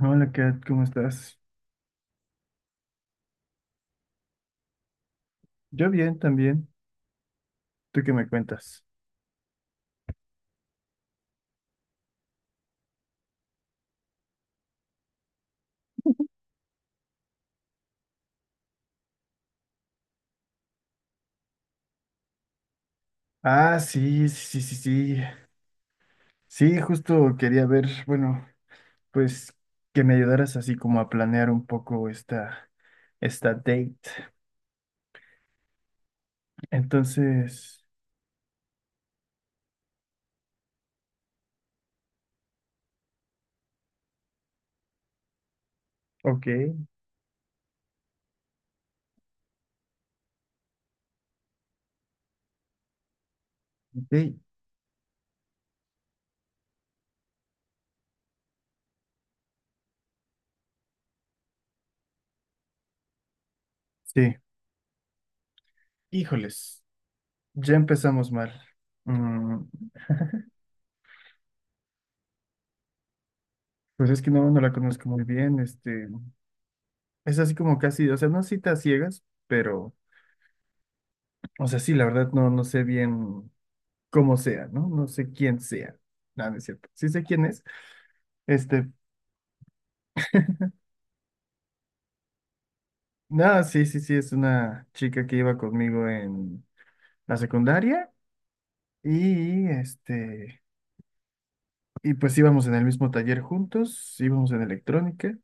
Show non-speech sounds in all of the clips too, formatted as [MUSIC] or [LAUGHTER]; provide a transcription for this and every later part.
Hola Kat, ¿cómo estás? Yo bien también. ¿Tú qué me cuentas? Ah, sí, sí, sí, sí. Sí, sí, justo quería ver, bueno, pues que me ayudaras así como a planear un poco esta date. Entonces, ok, ok, sí. Híjoles, ya empezamos mal. Mm, pues es que no la conozco muy bien. Este, es así como casi, o sea, no citas ciegas, pero, o sea, sí, la verdad no sé bien. Como sea, ¿no? No sé quién sea. Nada, no es cierto. Sí sé quién es. Este, nada, sí, sí, sí, es una chica que iba conmigo en la secundaria y este, y pues íbamos en el mismo taller juntos, íbamos en electrónica.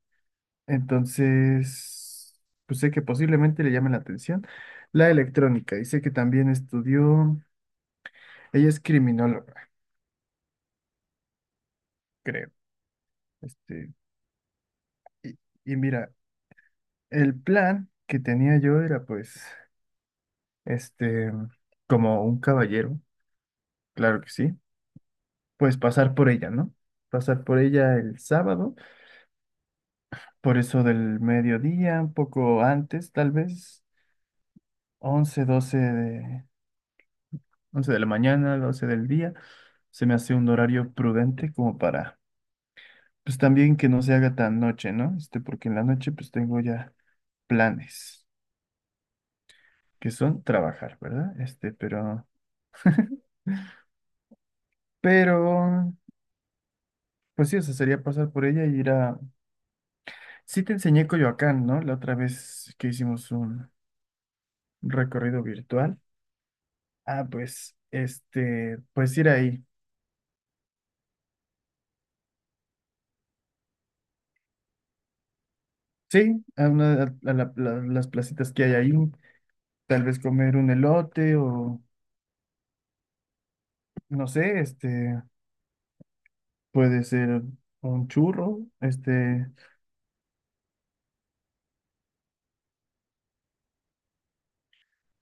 Entonces, pues sé que posiblemente le llame la atención la electrónica y sé que también estudió, ella es criminóloga, creo. Este, y, y, mira, el plan que tenía yo era pues este, como un caballero, claro que sí, pues pasar por ella, ¿no? Pasar por ella el sábado, por eso del mediodía, un poco antes, tal vez, 11 12 de, once de la mañana, doce del día, se me hace un horario prudente como para, pues también que no se haga tan noche, ¿no? Este, porque en la noche pues tengo ya planes, que son trabajar, ¿verdad? Este, pero, pues sí, eso sería pasar por ella y ir a. Sí te enseñé Coyoacán, ¿no? La otra vez que hicimos un recorrido virtual. Ah, pues, este, pues ir ahí. Sí, a, una- a la- la- las placitas que hay ahí. Tal vez comer un elote o, no sé, este, puede ser un churro. Este,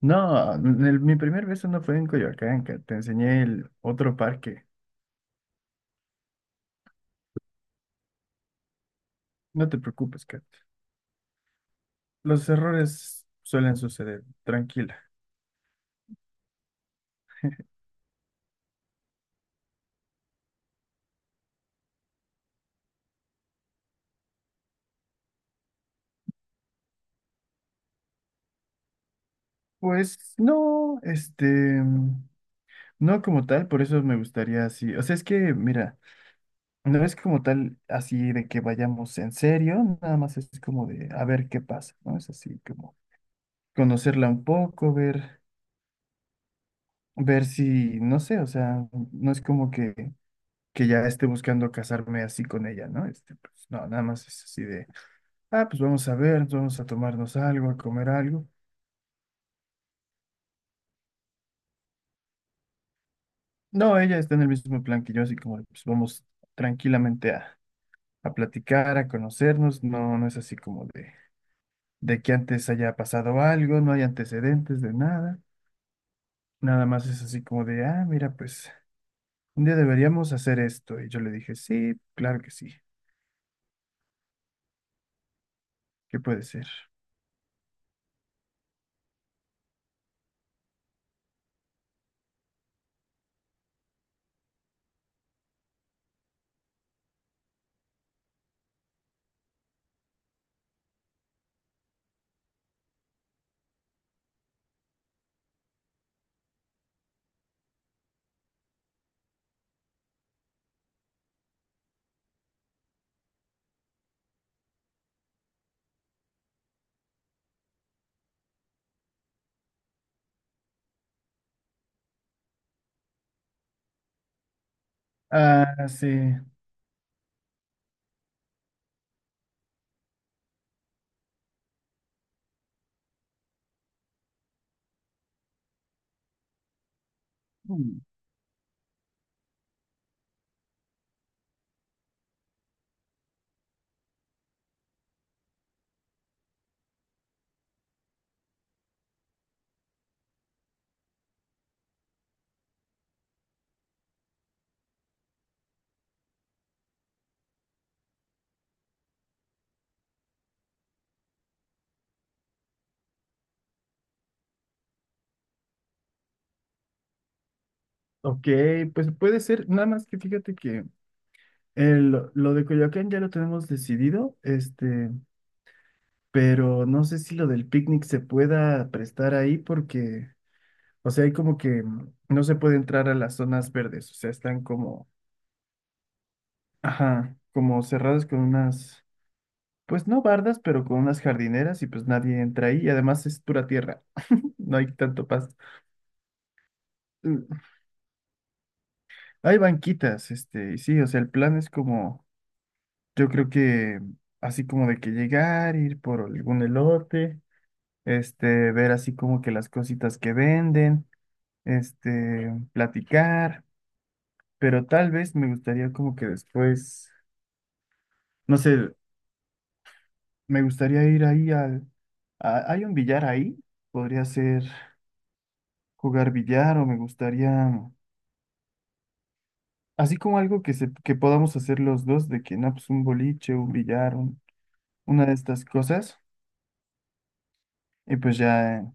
no, mi primer beso no fue en Coyoacán, Kat, te enseñé el otro parque. No te preocupes, Kat. Los errores suelen suceder, tranquila. Pues no, este, no como tal, por eso me gustaría así. O sea, es que, mira, no es como tal así de que vayamos en serio, nada más es como de a ver qué pasa, ¿no? Es así como conocerla un poco, ver, si, no sé, o sea, no es como que ya esté buscando casarme así con ella, ¿no? Este, pues, no, nada más es así de, ah, pues vamos a ver, vamos a tomarnos algo, a comer algo. No, ella está en el mismo plan que yo, así como, de, pues vamos tranquilamente a, platicar, a conocernos, no, no es así como de que antes haya pasado algo, no hay antecedentes de nada. Nada más es así como de, ah, mira, pues un día deberíamos hacer esto. Y yo le dije, sí, claro que sí, qué puede ser. Ah, sí. Mm, Ok, pues puede ser, nada más que fíjate que lo de Coyoacán ya lo tenemos decidido, este, pero no sé si lo del picnic se pueda prestar ahí porque, o sea, hay como que no se puede entrar a las zonas verdes, o sea, están como. Ajá, como cerradas con unas, pues no bardas, pero con unas jardineras y pues nadie entra ahí y además es pura tierra, no hay tanto pasto. Mm, Hay banquitas, este, y sí, o sea, el plan es como, yo creo que así como de que llegar, ir por algún elote, este, ver así como que las cositas que venden, este, platicar, pero tal vez me gustaría como que después, no sé, me gustaría ir ahí hay un billar ahí, podría ser, jugar billar o me gustaría, así como algo que, que podamos hacer los dos, de que no, pues un boliche, un billar, una de estas cosas, y pues ya,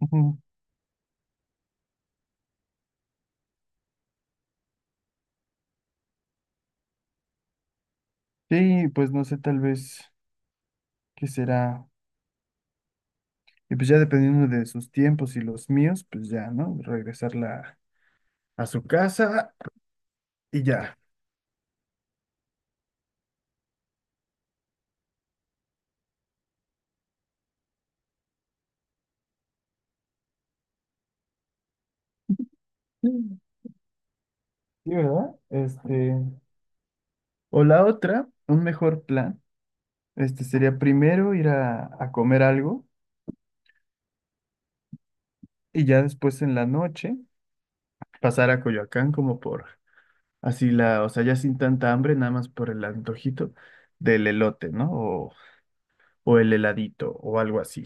ujú. Sí, pues no sé, tal vez qué será, y pues ya dependiendo de sus tiempos y los míos, pues ya, ¿no? Regresarla a su casa y ya. Mm. Sí, ¿verdad? Este, o la otra, un mejor plan, este sería primero ir a comer algo y ya después en la noche. Pasar a Coyoacán como por así la, o sea, ya sin tanta hambre, nada más por el antojito del elote, ¿no? O el heladito o algo así.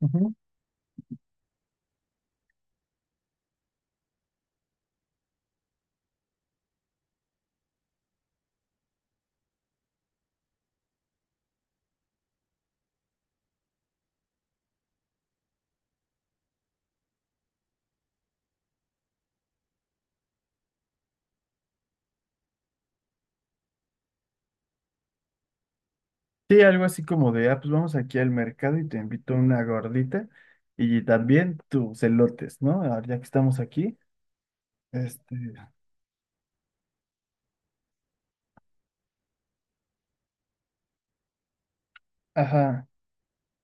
Ujú. Sí, algo así como de, ah, pues vamos aquí al mercado y te invito a una gordita y también tus elotes, ¿no? Ah, ya que estamos aquí, este, ajá.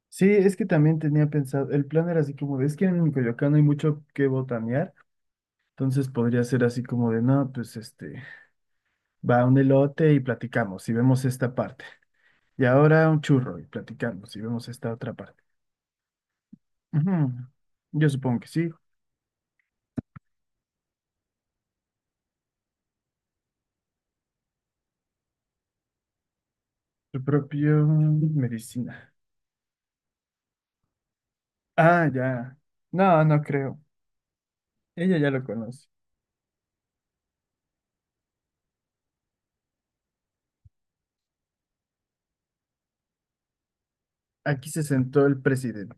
Sí, es que también tenía pensado, el plan era así como de, es que en Coyoacán no hay mucho que botanear, entonces podría ser así como de, no, pues este, va un elote y platicamos y vemos esta parte. Y ahora un churro y platicamos y vemos esta otra parte. Ujú. Yo supongo que sí. Su propio medicina. Ah, ya. No, no creo. Ella ya lo conoce. Aquí se sentó el presidente.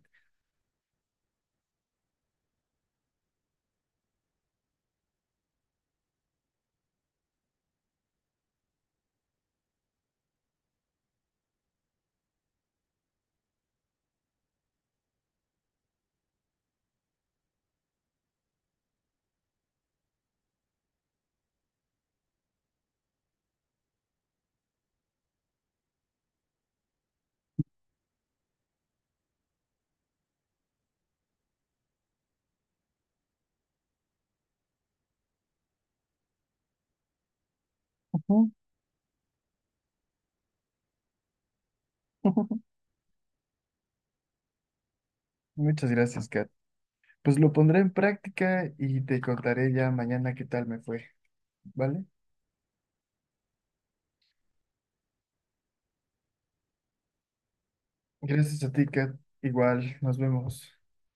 Ujú, [LAUGHS] ujú. Muchas gracias, Kat. Pues lo pondré en práctica y te contaré ya mañana qué tal me fue, ¿vale? Gracias a ti, Kat. Igual, nos vemos.